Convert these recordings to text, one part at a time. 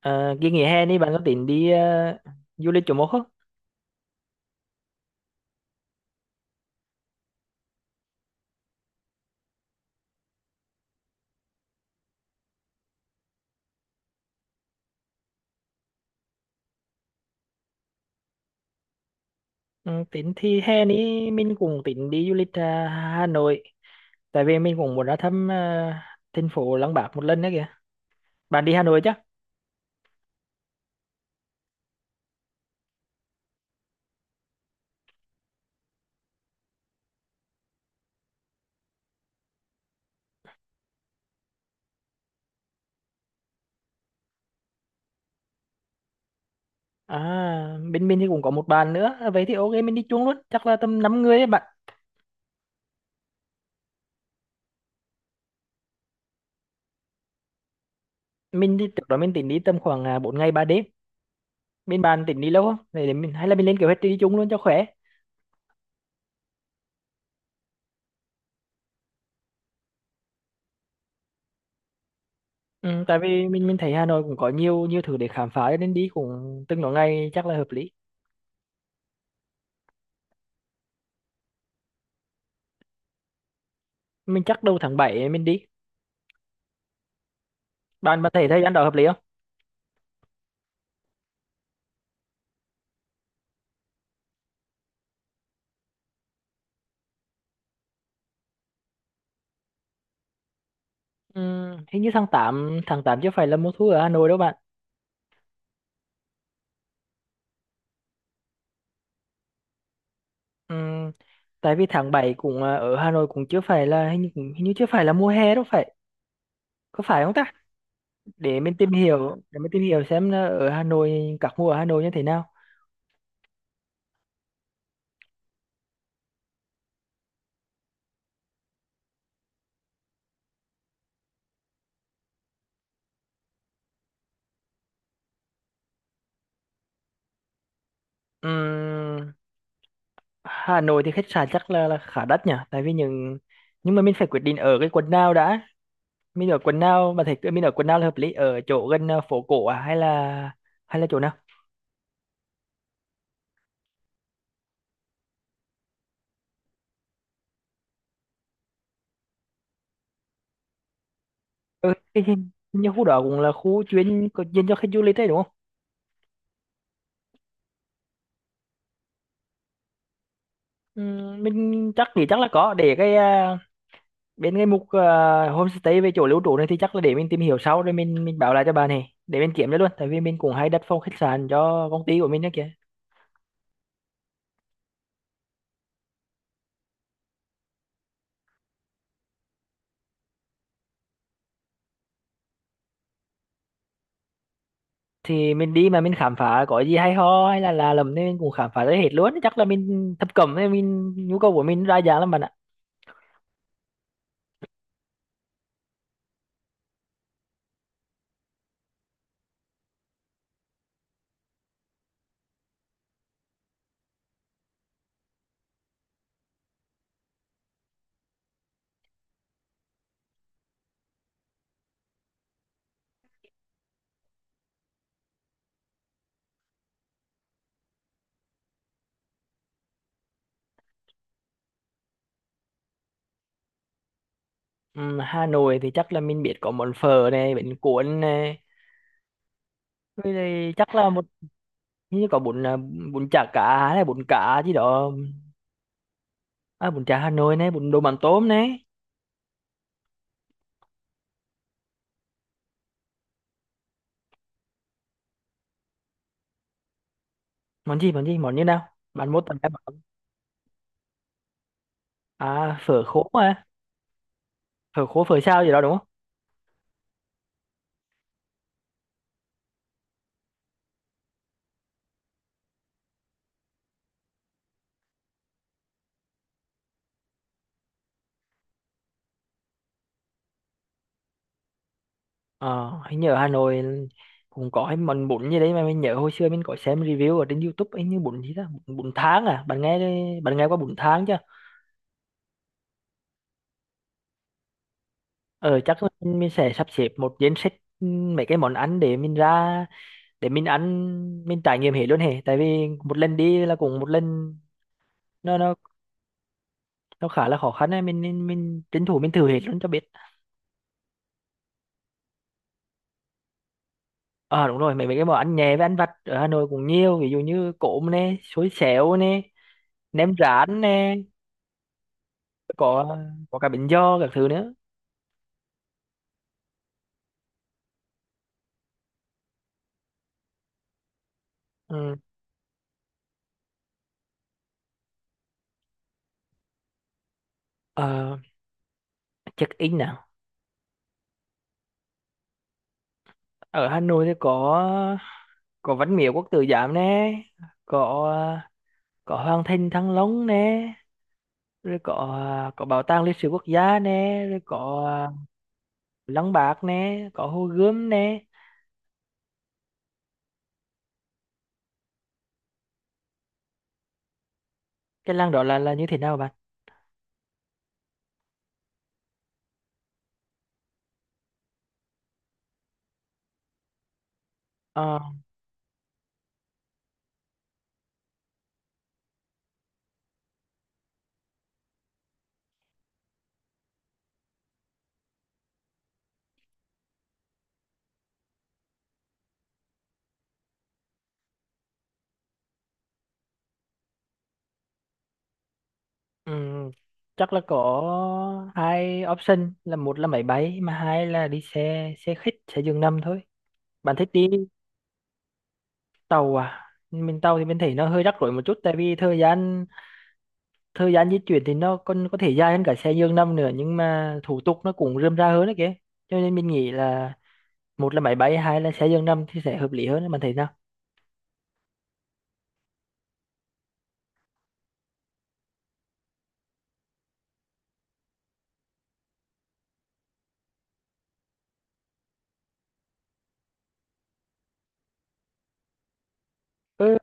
Ờ, cái nghỉ hè này bạn có tính đi du lịch chỗ một không? Ừ, tính thì hè này mình cũng tính đi du lịch Hà Nội. Tại vì mình cũng muốn ra thăm thành phố Lăng Bác một lần nữa kìa. Bạn đi Hà Nội chắc? À, bên mình thì cũng có một bạn nữa. À, vậy thì ok mình đi chung luôn. Chắc là tầm 5 người ấy bạn. Mình thì trước đó mình tính đi tầm khoảng 4 ngày 3 đêm. Bên bạn tính đi lâu không? Để mình, hay là mình lên kế hoạch đi chung luôn cho khỏe. Ừ, tại vì mình thấy Hà Nội cũng có nhiều nhiều thứ để khám phá cho nên đi cũng từng đó ngày chắc là hợp lý. Mình chắc đầu tháng 7 mình đi. Bạn bạn thấy thời gian đó hợp lý không? Hình như tháng 8 tháng 8 chưa phải là mùa thu ở Hà Nội đâu bạn. Ừm, tại vì tháng 7 cũng ở Hà Nội cũng chưa phải là hình như, hình như chưa phải là mùa hè đâu phải, có phải không ta? Để mình tìm hiểu, xem là ở Hà Nội các mùa ở Hà Nội như thế nào. Ừm, Hà Nội thì khách sạn chắc là khá đắt nhỉ, tại vì những, nhưng mà mình phải quyết định ở cái quận nào đã. Mình ở quận nào, bạn thấy mình ở quận nào là hợp lý? Ở chỗ gần phố cổ à, hay là, hay là chỗ nào? Ừ, cái hình như khu đó cũng là khu chuyên có dành cho khách du lịch đấy, đúng không? Ừ, mình chắc thì chắc là có, để cái bên cái mục homestay về chỗ lưu trú này, thì chắc là để mình tìm hiểu sau rồi mình báo lại cho bà này để mình kiểm cho luôn, tại vì mình cũng hay đặt phòng khách sạn cho công ty của mình đó kìa. Thì mình đi mà mình khám phá có gì hay ho hay là lầm nên mình cũng khám phá tới hết luôn, chắc là mình thập cẩm nên mình, nhu cầu của mình đa dạng lắm bạn ạ. Ừ, Hà Nội thì chắc là mình biết, có món phở này, bánh cuốn này, với lại chắc là một như có bún bún chả cá này, bún cá gì đó. À, bún chả Hà Nội này, bún đồ mắm tôm này. Món gì món gì món như nào? Bạn mốt tầm em bảo. À, phở khô à? Phở khô phở sao gì đó đúng không? Ờ Hình như ở Hà Nội cũng có cái món bún gì đấy mà mình nhớ hồi xưa mình có xem review ở trên YouTube ấy, như bún gì đó, bún tháng à, bạn nghe, bạn nghe qua bún tháng chưa? Ờ Chắc mình sẽ sắp xếp một danh sách. Ừ, mấy cái món ăn để mình ra, để mình ăn, mình trải nghiệm hết luôn hề, tại vì một lần đi là cũng một lần, nó nó khá là khó khăn ấy, mình tranh thủ mình thử hết luôn cho biết. À đúng rồi, mấy mấy cái món ăn nhẹ với ăn vặt ở Hà Nội cũng nhiều, ví dụ như cốm nè, xôi xéo nè, nem rán nè, có có cả bánh giò các thứ nữa. Ừ. Ờ, check in nào? Ở Hà Nội thì có Văn Miếu Quốc Tử Giám nè, có có Hoàng Thành Thăng Long nè, rồi có Bảo tàng Lịch sử Quốc gia nè, rồi có Lăng Bác nè, có Hồ Gươm nè. Cái lăng đó là như thế nào bạn? Ờ. Ừ, chắc là có hai option, là một là máy bay mà hai là đi xe xe khách xe giường nằm thôi. Bạn thích đi tàu à? Mình tàu thì mình thấy nó hơi rắc rối một chút, tại vì thời gian, thời gian di chuyển thì nó còn có thể dài hơn cả xe giường nằm nữa, nhưng mà thủ tục nó cũng rườm rà hơn đấy kìa. Cho nên mình nghĩ là một là máy bay, hai là xe giường nằm thì sẽ hợp lý hơn, bạn thấy nào? Ừ,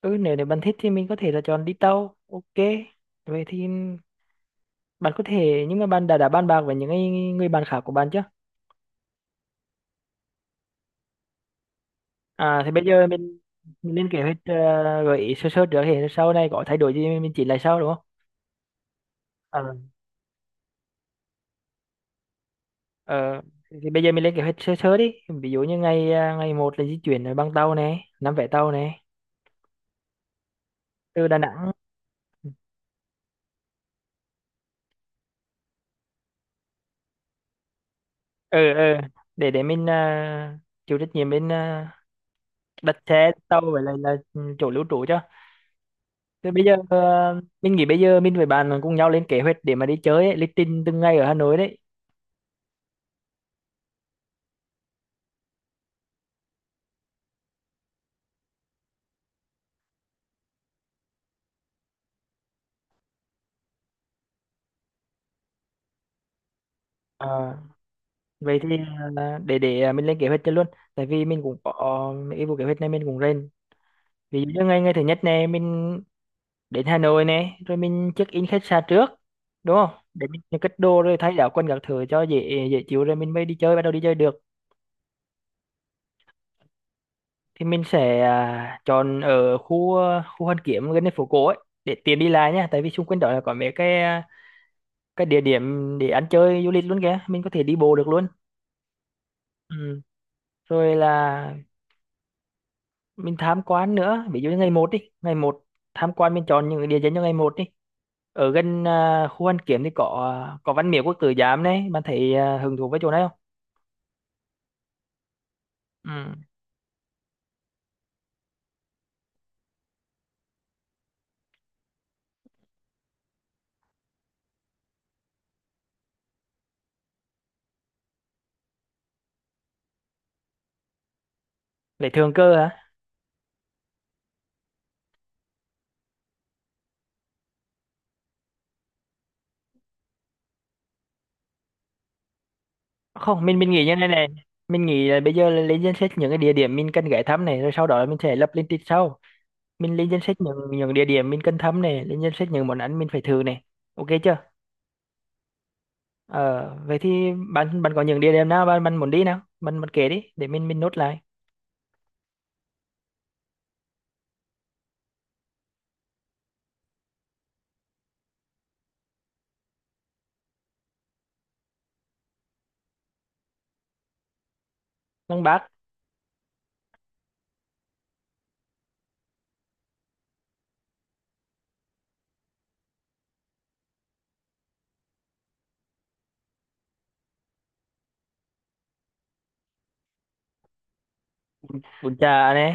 ừ, nếu nếu bạn thích thì mình có thể là chọn đi tàu, ok. Vậy thì bạn có thể, nhưng mà bạn đã bàn bạc với những người người bạn khác của bạn chưa? À, thì bây giờ mình lên kế hoạch, gợi ý sơ sơ trước thì sau này có thay đổi gì mình chỉnh lại sau đúng không? Ờ. Ờ, thì, bây giờ mình lên kế hoạch sơ sơ đi. Ví dụ như ngày một là di chuyển bằng tàu này, năm vé tàu này từ Đà Nẵng. ờ ờ để mình chịu trách nhiệm bên đặt xe tàu, với lại là chỗ lưu trú cho. Thì bây giờ mình nghĩ bây giờ mình với bạn cùng nhau lên kế hoạch để mà đi chơi ấy, lịch trình từng ngày ở Hà Nội đấy. Vậy thì để mình lên kế hoạch cho luôn, tại vì mình cũng có cái vụ kế hoạch này mình cũng lên. Ví dụ như ngày ngày thứ nhất này mình đến Hà Nội này, rồi mình check in khách sạn trước, đúng không, để mình cất đồ rồi thay áo quần các thứ cho dễ dễ chịu rồi mình mới đi chơi, bắt đầu đi chơi được. Thì mình sẽ chọn ở khu Hoàn Kiếm gần đến phố cổ ấy, để tiện đi lại nha, tại vì xung quanh đó là có mấy cái cái địa điểm để ăn chơi du lịch luôn kìa, mình có thể đi bộ được luôn. Ừ. Rồi là mình tham quan nữa, ví dụ như ngày một đi, ngày một tham quan mình chọn những cái địa danh cho ngày một đi. Ở gần khu Hoàn Kiếm thì có có Văn Miếu Quốc Tử Giám đấy, bạn thấy hứng thú với chỗ này không? Ừ. Để thường cơ hả? Không mình nghĩ như này này, mình nghĩ là bây giờ là lên danh sách những cái địa điểm mình cần ghé thăm này, rồi sau đó là mình sẽ lập lên lịch sau. Mình lên danh sách những địa điểm mình cần thăm này, lên danh sách những món ăn mình phải thử này, ok chưa? Ờ Vậy thì bạn bạn có những địa điểm nào bạn bạn muốn đi nào, bạn bạn kể đi để mình nốt lại. Lăng Bác. Bún chả này.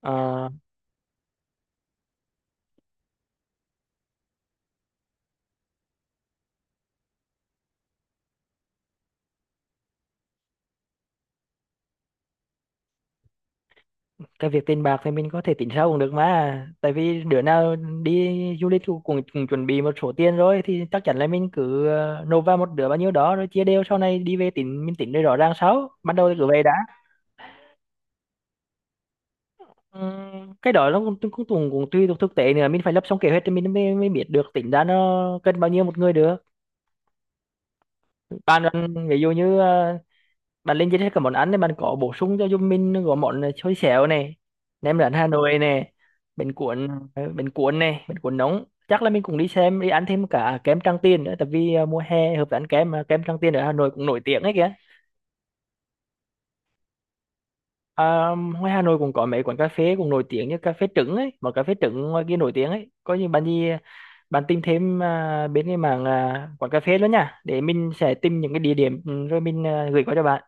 Ờ, cái việc tiền bạc thì mình có thể tính sau cũng được mà, tại vì đứa nào đi du lịch cũng chuẩn bị một số tiền rồi, thì chắc chắn là mình cứ nộp vào một đứa bao nhiêu đó rồi chia đều, sau này đi về tính mình tính rồi rõ ràng sau, ban đầu thì cứ vậy đã. Cái đó nó cũng tùy thuộc thực tế nữa, mình phải lập xong kế hoạch thì mình mới biết được, tính ra nó cần bao nhiêu một người được. Bạn, ví dụ như bạn lên danh sách các món ăn thì bạn có bổ sung cho giùm mình có món xôi xéo này, nem rán Hà Nội này, bánh cuốn, bánh cuốn này, bánh cuốn nóng, chắc là mình cũng đi xem đi ăn thêm cả kem Tràng Tiền nữa, tại vì mùa hè hợp với ăn kem mà kem Tràng Tiền ở Hà Nội cũng nổi tiếng ấy kìa. À, ngoài Hà Nội cũng có mấy quán cà phê cũng nổi tiếng như cà phê trứng ấy, mà cà phê trứng ngoài kia nổi tiếng ấy, có như bạn gì, bạn tìm thêm bên cái mảng quán cà phê nữa nha, để mình sẽ tìm những cái địa điểm, rồi mình gửi qua cho bạn.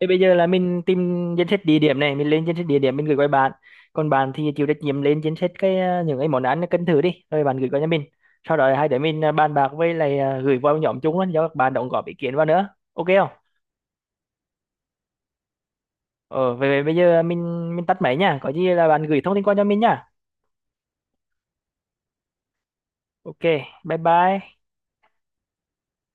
Thế bây giờ là mình tìm danh sách địa điểm này, mình lên danh sách địa điểm mình gửi qua bạn. Còn bạn thì chịu trách nhiệm lên danh sách cái những cái món ăn cần thử đi, rồi bạn gửi qua cho mình. Sau đó hai đứa mình bàn bạc với lại gửi vào nhóm chung luôn cho các bạn đóng góp ý kiến vào nữa. Ok không? Ờ, về bây giờ mình tắt máy nha. Có gì là bạn gửi thông tin qua cho mình nha. Ok, bye bye.